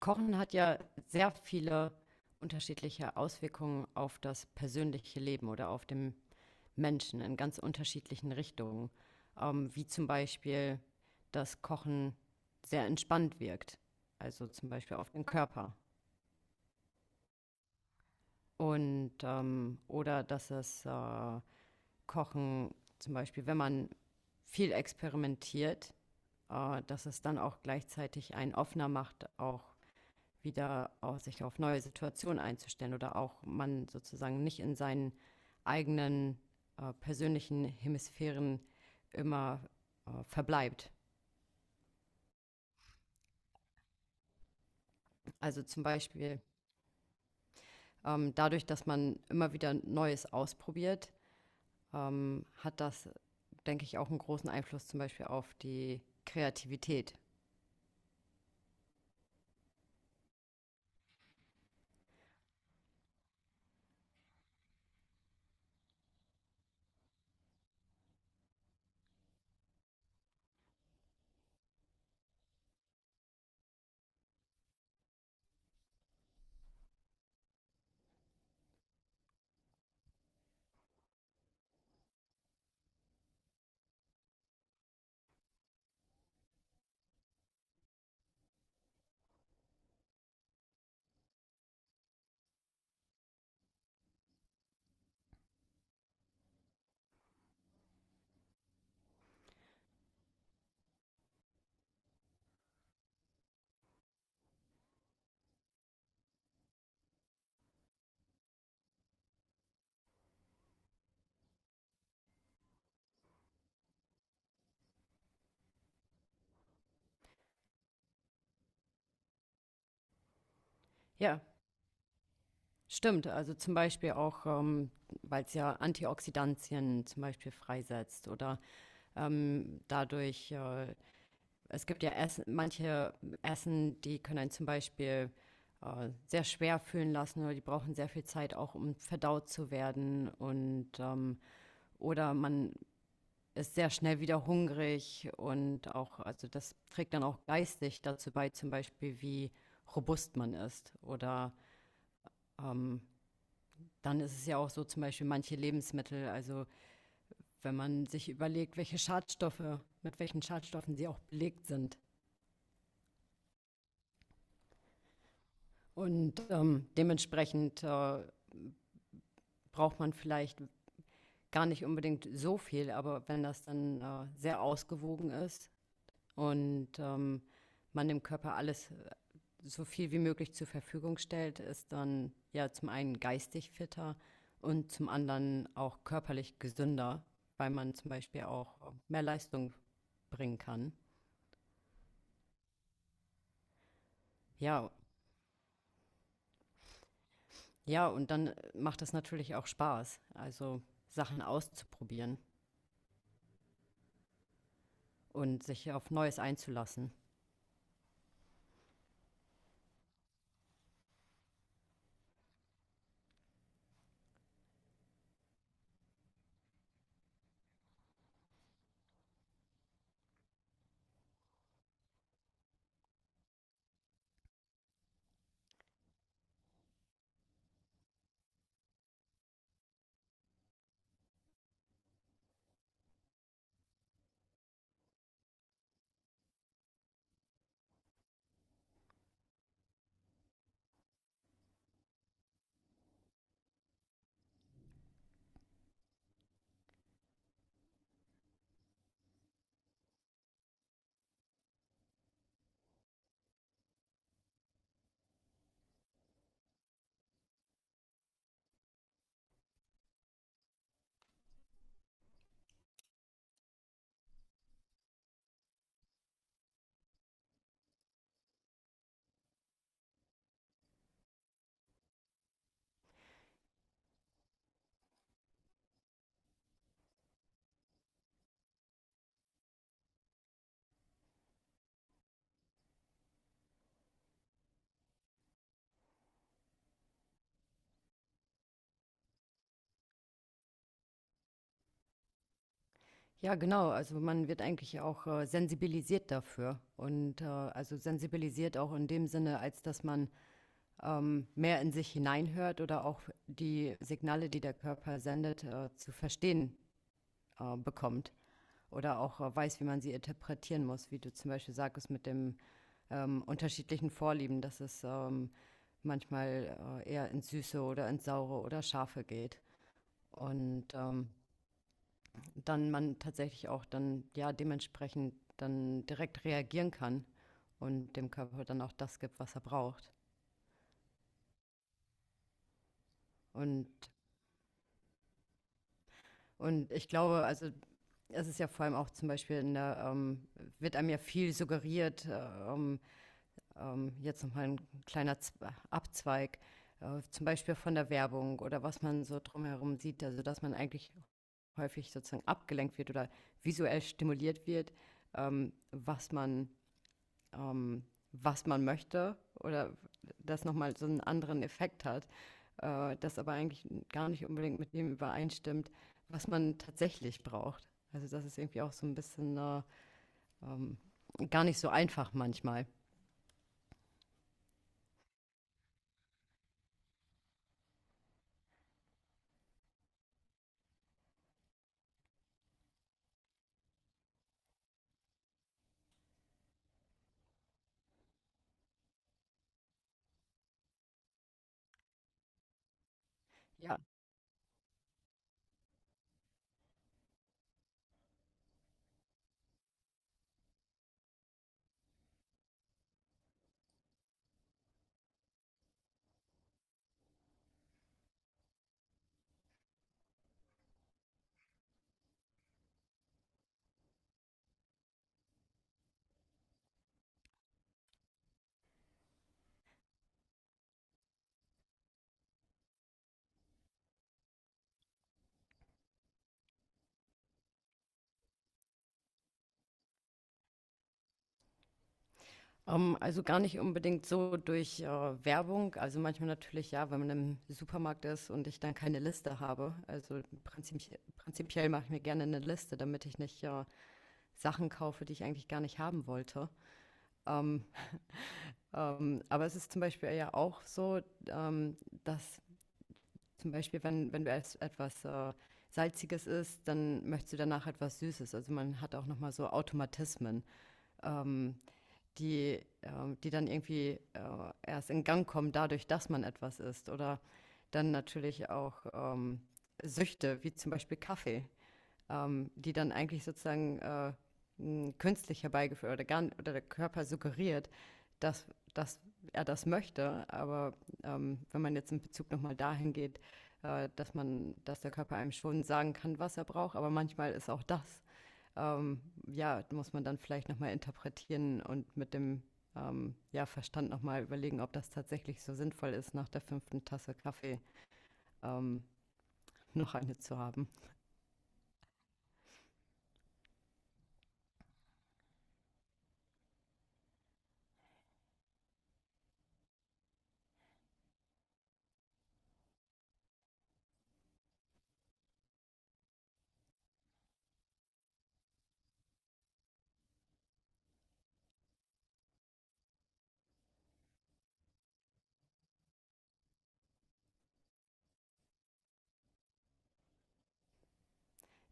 Kochen hat ja sehr viele unterschiedliche Auswirkungen auf das persönliche Leben oder auf den Menschen in ganz unterschiedlichen Richtungen, wie zum Beispiel, dass Kochen sehr entspannt wirkt, also zum Beispiel auf den Körper. Oder dass es Kochen, zum Beispiel, wenn man viel experimentiert, dass es dann auch gleichzeitig einen offener macht, auch wieder auch sich auf neue Situationen einzustellen oder auch man sozusagen nicht in seinen eigenen persönlichen Hemisphären immer verbleibt. Also zum Beispiel dadurch, dass man immer wieder Neues ausprobiert, hat das, denke ich, auch einen großen Einfluss zum Beispiel auf die Kreativität. Ja, stimmt, also zum Beispiel auch, weil es ja Antioxidantien zum Beispiel freisetzt oder dadurch es gibt ja Essen, manche Essen, die können einen zum Beispiel sehr schwer fühlen lassen oder die brauchen sehr viel Zeit auch, um verdaut zu werden, oder man ist sehr schnell wieder hungrig und auch, also das trägt dann auch geistig dazu bei, zum Beispiel wie robust man ist. Oder dann ist es ja auch so, zum Beispiel manche Lebensmittel, also wenn man sich überlegt, welche Schadstoffe, mit welchen Schadstoffen sie auch belegt sind. Dementsprechend braucht man vielleicht gar nicht unbedingt so viel, aber wenn das dann sehr ausgewogen ist und man dem Körper alles so viel wie möglich zur Verfügung stellt, ist dann ja zum einen geistig fitter und zum anderen auch körperlich gesünder, weil man zum Beispiel auch mehr Leistung bringen kann. Ja, ja, und dann macht es natürlich auch Spaß, also Sachen auszuprobieren und sich auf Neues einzulassen. Ja, genau. Also man wird eigentlich auch sensibilisiert dafür. Und also sensibilisiert auch in dem Sinne, als dass man mehr in sich hineinhört oder auch die Signale, die der Körper sendet, zu verstehen bekommt. Oder auch weiß, wie man sie interpretieren muss, wie du zum Beispiel sagtest mit dem unterschiedlichen Vorlieben, dass es manchmal eher ins Süße oder ins Saure oder Scharfe geht. Und dann man tatsächlich auch dann ja dementsprechend dann direkt reagieren kann und dem Körper dann auch das gibt, was er braucht. Und, und ich glaube, also es ist ja vor allem auch zum Beispiel in der, wird einem ja viel suggeriert, jetzt nochmal ein kleiner Z Abzweig, zum Beispiel von der Werbung oder was man so drumherum sieht, also dass man eigentlich häufig sozusagen abgelenkt wird oder visuell stimuliert wird, ähm, was man ähm, was man möchte oder das nochmal so einen anderen Effekt hat, das aber eigentlich gar nicht unbedingt mit dem übereinstimmt, was man tatsächlich braucht. Also das ist irgendwie auch so ein bisschen ähm, gar nicht so einfach manchmal. Ja, also gar nicht unbedingt so durch Werbung. Also manchmal natürlich ja, wenn man im Supermarkt ist und ich dann keine Liste habe. Also prinzipiell mache ich mir gerne eine Liste, damit ich nicht Sachen kaufe, die ich eigentlich gar nicht haben wollte. Ähm, aber es ist zum Beispiel ja auch so, ähm, dass zum Beispiel, wenn, wenn du erst etwas Salziges isst, dann möchtest du danach etwas Süßes. Also man hat auch nochmal so Automatismen, ähm, die dann irgendwie erst in Gang kommen, dadurch, dass man etwas isst. Oder dann natürlich auch Süchte, wie zum Beispiel Kaffee, die dann eigentlich sozusagen künstlich herbeigeführt oder, gar, oder der Körper suggeriert, dass, dass er das möchte. Aber wenn man jetzt in Bezug nochmal dahin geht, dass man, dass der Körper einem schon sagen kann, was er braucht, aber manchmal ist auch das, ähm, ja, muss man dann vielleicht nochmal interpretieren und mit dem ja, Verstand nochmal überlegen, ob das tatsächlich so sinnvoll ist, nach der fünften Tasse Kaffee ähm, noch eine zu haben.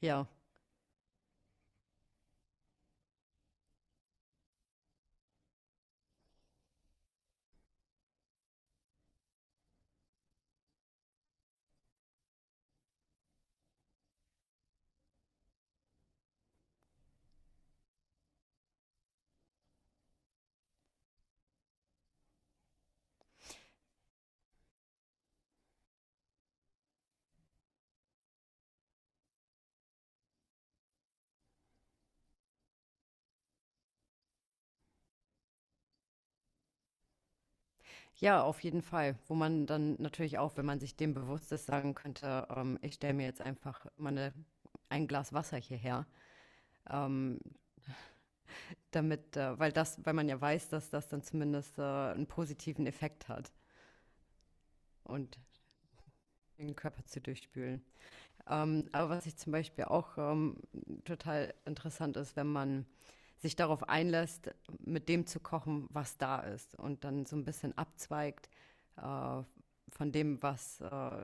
Ja, ja, auf jeden Fall. Wo man dann natürlich auch, wenn man sich dem bewusst ist, sagen könnte, ich stelle mir jetzt einfach mal ein Glas Wasser hierher, ähm, damit, weil man ja weiß, dass das dann zumindest, 'n positiven Effekt hat und den Körper zu durchspülen. Aber was ich zum Beispiel auch, total interessant ist, wenn man sich darauf einlässt, mit dem zu kochen, was da ist und dann so ein bisschen abzweigt, äh, von dem, was,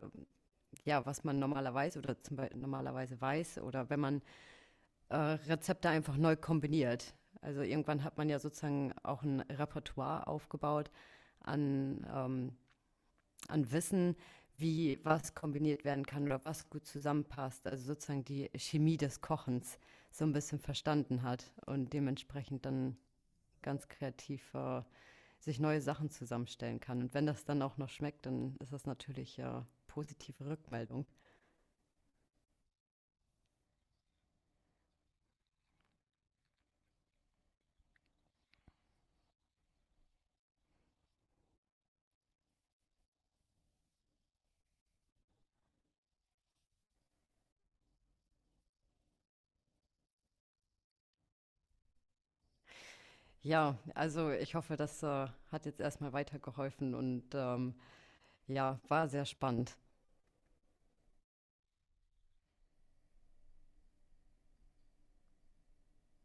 ja, was man normalerweise oder zum Beispiel normalerweise weiß oder wenn man Rezepte einfach neu kombiniert. Also irgendwann hat man ja sozusagen auch ein Repertoire aufgebaut an, ähm, an Wissen, wie was kombiniert werden kann oder was gut zusammenpasst. Also sozusagen die Chemie des Kochens so ein bisschen verstanden hat und dementsprechend dann ganz kreativ sich neue Sachen zusammenstellen kann. Und wenn das dann auch noch schmeckt, dann ist das natürlich positive Rückmeldung. Ja, also ich hoffe, das hat jetzt erstmal weitergeholfen und ja, war sehr spannend.